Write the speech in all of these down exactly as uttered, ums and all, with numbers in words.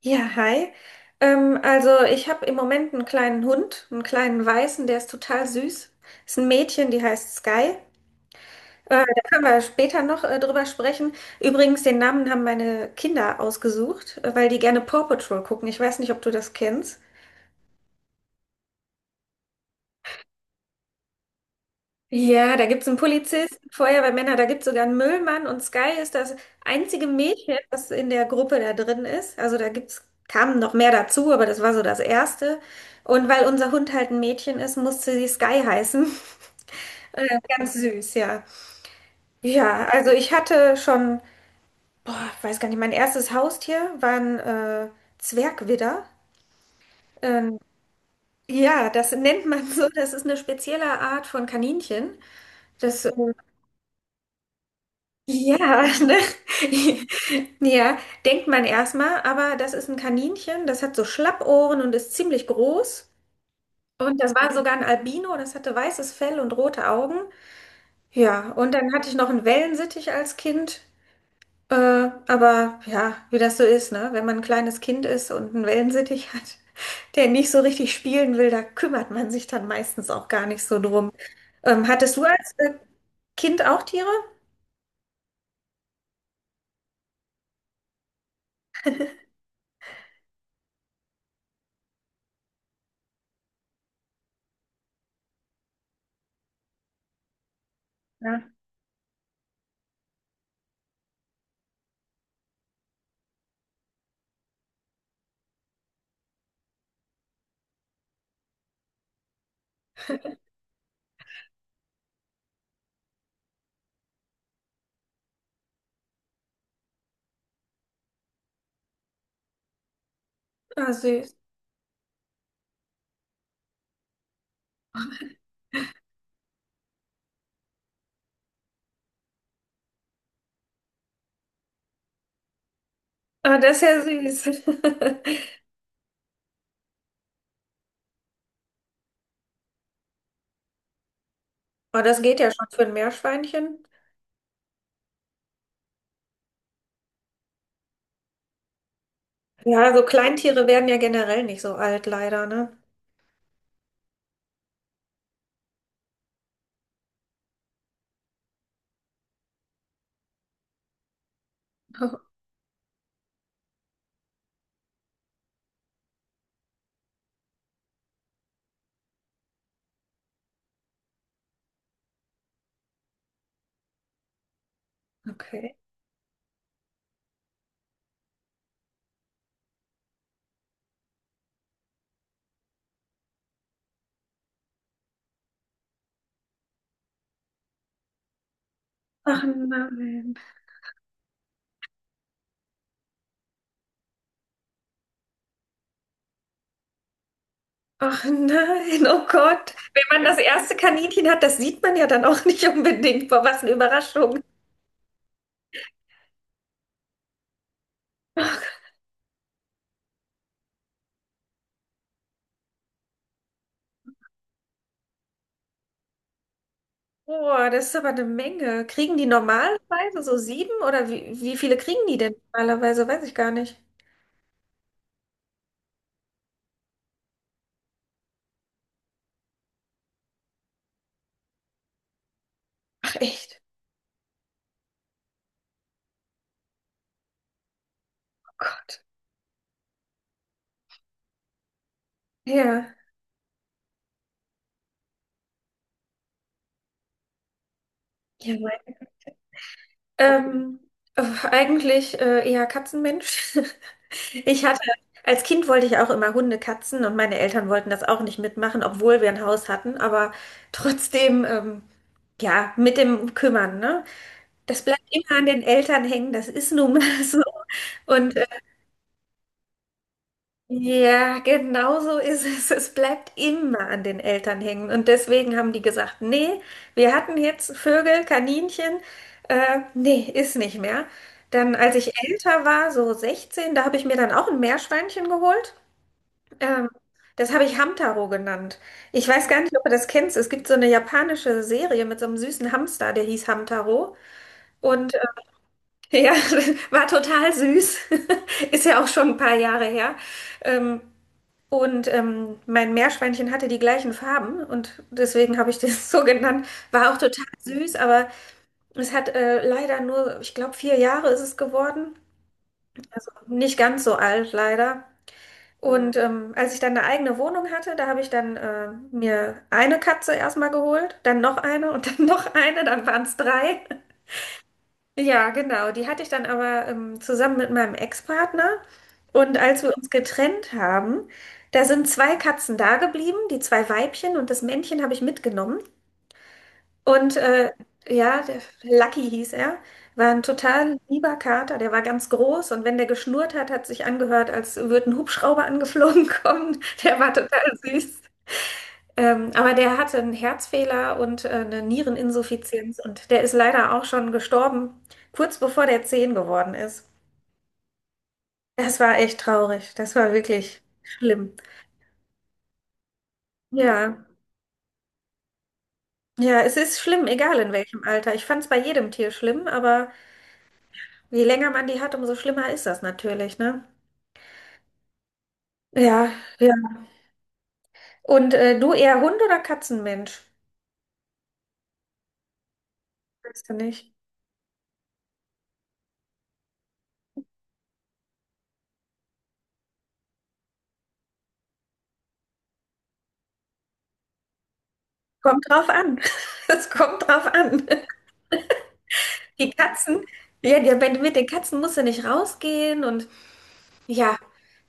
Ja, hi. Ähm, also ich habe im Moment einen kleinen Hund, einen kleinen Weißen, der ist total süß. Ist ein Mädchen, die heißt Sky. Äh, da können wir später noch äh, drüber sprechen. Übrigens, den Namen haben meine Kinder ausgesucht, äh, weil die gerne Paw Patrol gucken. Ich weiß nicht, ob du das kennst. Ja, da gibt's einen Polizisten, Feuerwehrmänner, da gibt's sogar einen Müllmann, und Sky ist das einzige Mädchen, das in der Gruppe da drin ist. Also da gibt's, kamen noch mehr dazu, aber das war so das Erste. Und weil unser Hund halt ein Mädchen ist, musste sie Sky heißen. Äh, Ganz süß, ja. Ja, also ich hatte schon, boah, ich weiß gar nicht, mein erstes Haustier war ein äh, Zwergwidder. Ähm, ja, das nennt man so, das ist eine spezielle Art von Kaninchen. Das äh, Ja, ne? Ja, denkt man erstmal, aber das ist ein Kaninchen, das hat so Schlappohren und ist ziemlich groß. Und das war sogar ein Albino, das hatte weißes Fell und rote Augen. Ja, und dann hatte ich noch einen Wellensittich als Kind. Äh, aber ja, wie das so ist, ne? Wenn man ein kleines Kind ist und einen Wellensittich hat, der nicht so richtig spielen will, da kümmert man sich dann meistens auch gar nicht so drum. Ähm, hattest du als äh, Kind auch Tiere? Ja. Ah, süß. Ah, das ist ja süß. Aber das geht ja schon für ein Meerschweinchen. Ja, so Kleintiere werden ja generell nicht so alt, leider, ne? Oh, okay. Ach nein. Ach nein, oh Gott. Wenn man das erste Kaninchen hat, das sieht man ja dann auch nicht unbedingt. Boah, was eine Überraschung. Boah, das ist aber eine Menge. Kriegen die normalerweise so sieben, oder wie, wie viele kriegen die denn normalerweise? Weiß ich gar nicht. Ach echt? Oh Gott. Ja. Ja, Ähm, äh, eigentlich äh, eher Katzenmensch. Ich hatte, als Kind wollte ich auch immer Hunde, Katzen, und meine Eltern wollten das auch nicht mitmachen, obwohl wir ein Haus hatten, aber trotzdem, ähm, ja, mit dem Kümmern, ne? Das bleibt immer an den Eltern hängen, das ist nun mal so. Und ja, genau so ist es. Es bleibt immer an den Eltern hängen. Und deswegen haben die gesagt, nee, wir hatten jetzt Vögel, Kaninchen, äh, nee, ist nicht mehr. Dann, als ich älter war, so sechzehn, da habe ich mir dann auch ein Meerschweinchen geholt. Ähm, das habe ich Hamtaro genannt. Ich weiß gar nicht, ob du das kennst. Es gibt so eine japanische Serie mit so einem süßen Hamster, der hieß Hamtaro. Und äh, ja, war total süß. Ist ja auch schon ein paar Jahre her. Ähm, und ähm, mein Meerschweinchen hatte die gleichen Farben und deswegen habe ich das so genannt. War auch total süß, aber es hat äh, leider nur, ich glaube, vier Jahre ist es geworden. Also nicht ganz so alt, leider. Und ähm, als ich dann eine eigene Wohnung hatte, da habe ich dann äh, mir eine Katze erstmal geholt, dann noch eine, und dann noch eine, dann waren es drei. Ja, genau. Die hatte ich dann aber ähm, zusammen mit meinem Ex-Partner. Und als wir uns getrennt haben, da sind zwei Katzen da geblieben, die zwei Weibchen, und das Männchen habe ich mitgenommen. Und äh, ja, der Lucky hieß er, war ein total lieber Kater, der war ganz groß, und wenn der geschnurrt hat, hat sich angehört, als würde ein Hubschrauber angeflogen kommen. Der war total süß. Ähm, aber der hatte einen Herzfehler und äh, eine Niereninsuffizienz, und der ist leider auch schon gestorben, kurz bevor der zehn geworden ist. Das war echt traurig. Das war wirklich schlimm. Ja, ja, es ist schlimm, egal in welchem Alter. Ich fand es bei jedem Tier schlimm, aber je länger man die hat, umso schlimmer ist das natürlich, ne? Ja, ja. Und äh, du eher Hund oder Katzenmensch? Weißt du nicht. Kommt drauf an. Es kommt drauf an. Die Katzen, ja, die, wenn mit den Katzen musst du nicht rausgehen, und ja,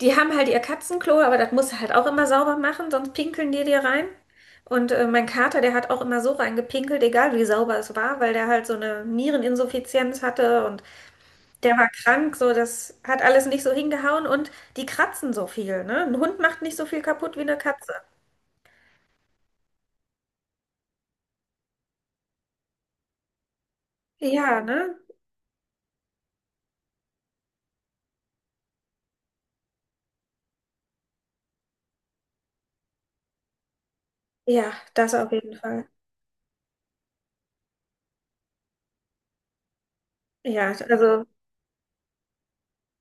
die haben halt ihr Katzenklo, aber das musst du halt auch immer sauber machen, sonst pinkeln die dir rein. Und äh, mein Kater, der hat auch immer so reingepinkelt, egal wie sauber es war, weil der halt so eine Niereninsuffizienz hatte, und der war krank, so das hat alles nicht so hingehauen, und die kratzen so viel, ne? Ein Hund macht nicht so viel kaputt wie eine Katze. Ja, ne? Ja, das auf jeden Fall. Ja, also.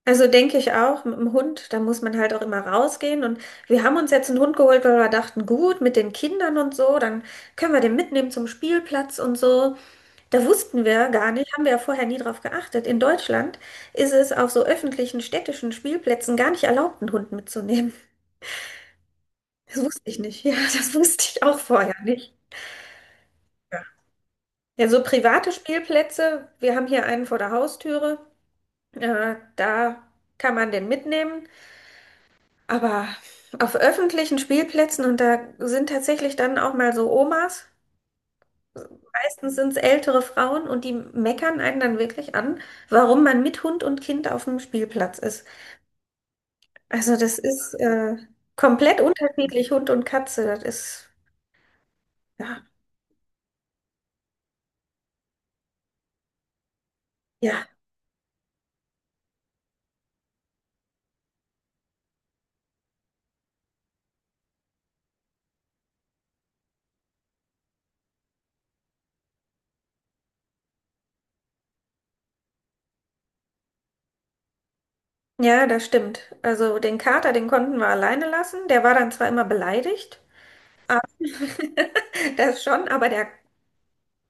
Also denke ich auch, mit dem Hund, da muss man halt auch immer rausgehen. Und wir haben uns jetzt einen Hund geholt, weil wir dachten, gut, mit den Kindern und so, dann können wir den mitnehmen zum Spielplatz und so. Da wussten wir gar nicht, haben wir ja vorher nie drauf geachtet. In Deutschland ist es auf so öffentlichen städtischen Spielplätzen gar nicht erlaubt, einen Hund mitzunehmen. Das wusste ich nicht. Ja, das wusste ich auch vorher nicht. Ja, ja, so private Spielplätze, wir haben hier einen vor der Haustüre, äh, da kann man den mitnehmen. Aber auf öffentlichen Spielplätzen, und da sind tatsächlich dann auch mal so Omas, meistens sind es ältere Frauen, und die meckern einen dann wirklich an, warum man mit Hund und Kind auf dem Spielplatz ist. Also das ist äh, komplett unterschiedlich, Hund und Katze. Das ist, ja, ja, ja, das stimmt. Also den Kater, den konnten wir alleine lassen. Der war dann zwar immer beleidigt, das schon, aber der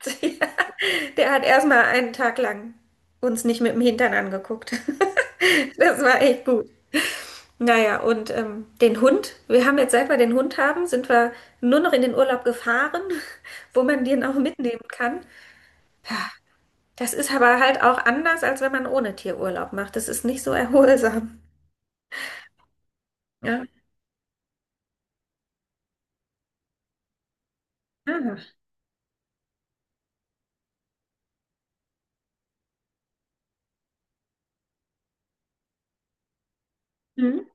der hat erstmal einen Tag lang uns nicht mit dem Hintern angeguckt. Das war echt gut. Naja, und ähm, den Hund, wir haben jetzt, seit wir den Hund haben, sind wir nur noch in den Urlaub gefahren, wo man den auch mitnehmen kann. Ja, das ist aber halt auch anders, als wenn man ohne Tier Urlaub macht. Das ist nicht so erholsam. Ja, ah. Mhm.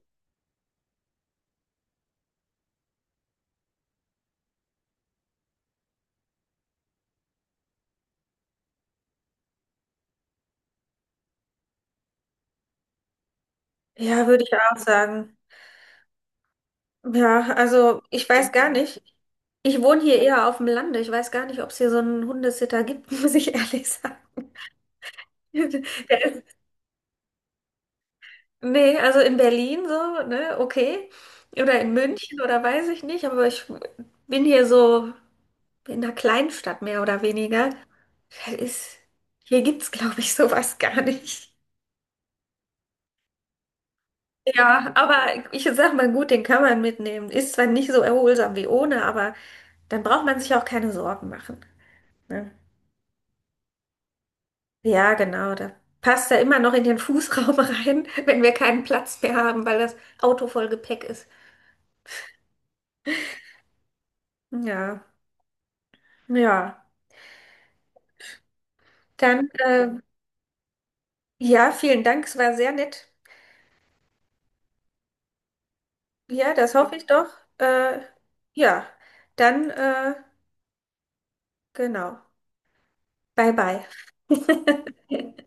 Ja, würde ich auch sagen. Ja, also ich weiß gar nicht. Ich wohne hier eher auf dem Lande. Ich weiß gar nicht, ob es hier so einen Hundesitter gibt, muss ich ehrlich sagen. Der ist, nee, also in Berlin so, ne, okay. Oder in München oder weiß ich nicht, aber ich bin hier so in einer Kleinstadt mehr oder weniger. Da ist, hier gibt's, glaube ich, sowas gar nicht. Ja, aber ich sag mal gut, den kann man mitnehmen. Ist zwar nicht so erholsam wie ohne, aber dann braucht man sich auch keine Sorgen machen. Ne? Ja, genau. Da passt er immer noch in den Fußraum rein, wenn wir keinen Platz mehr haben, weil das Auto voll Gepäck ist. Ja, ja. Dann, äh, ja, vielen Dank. Es war sehr nett. Ja, das hoffe ich doch. Äh, ja, dann, äh, genau. Bye, bye.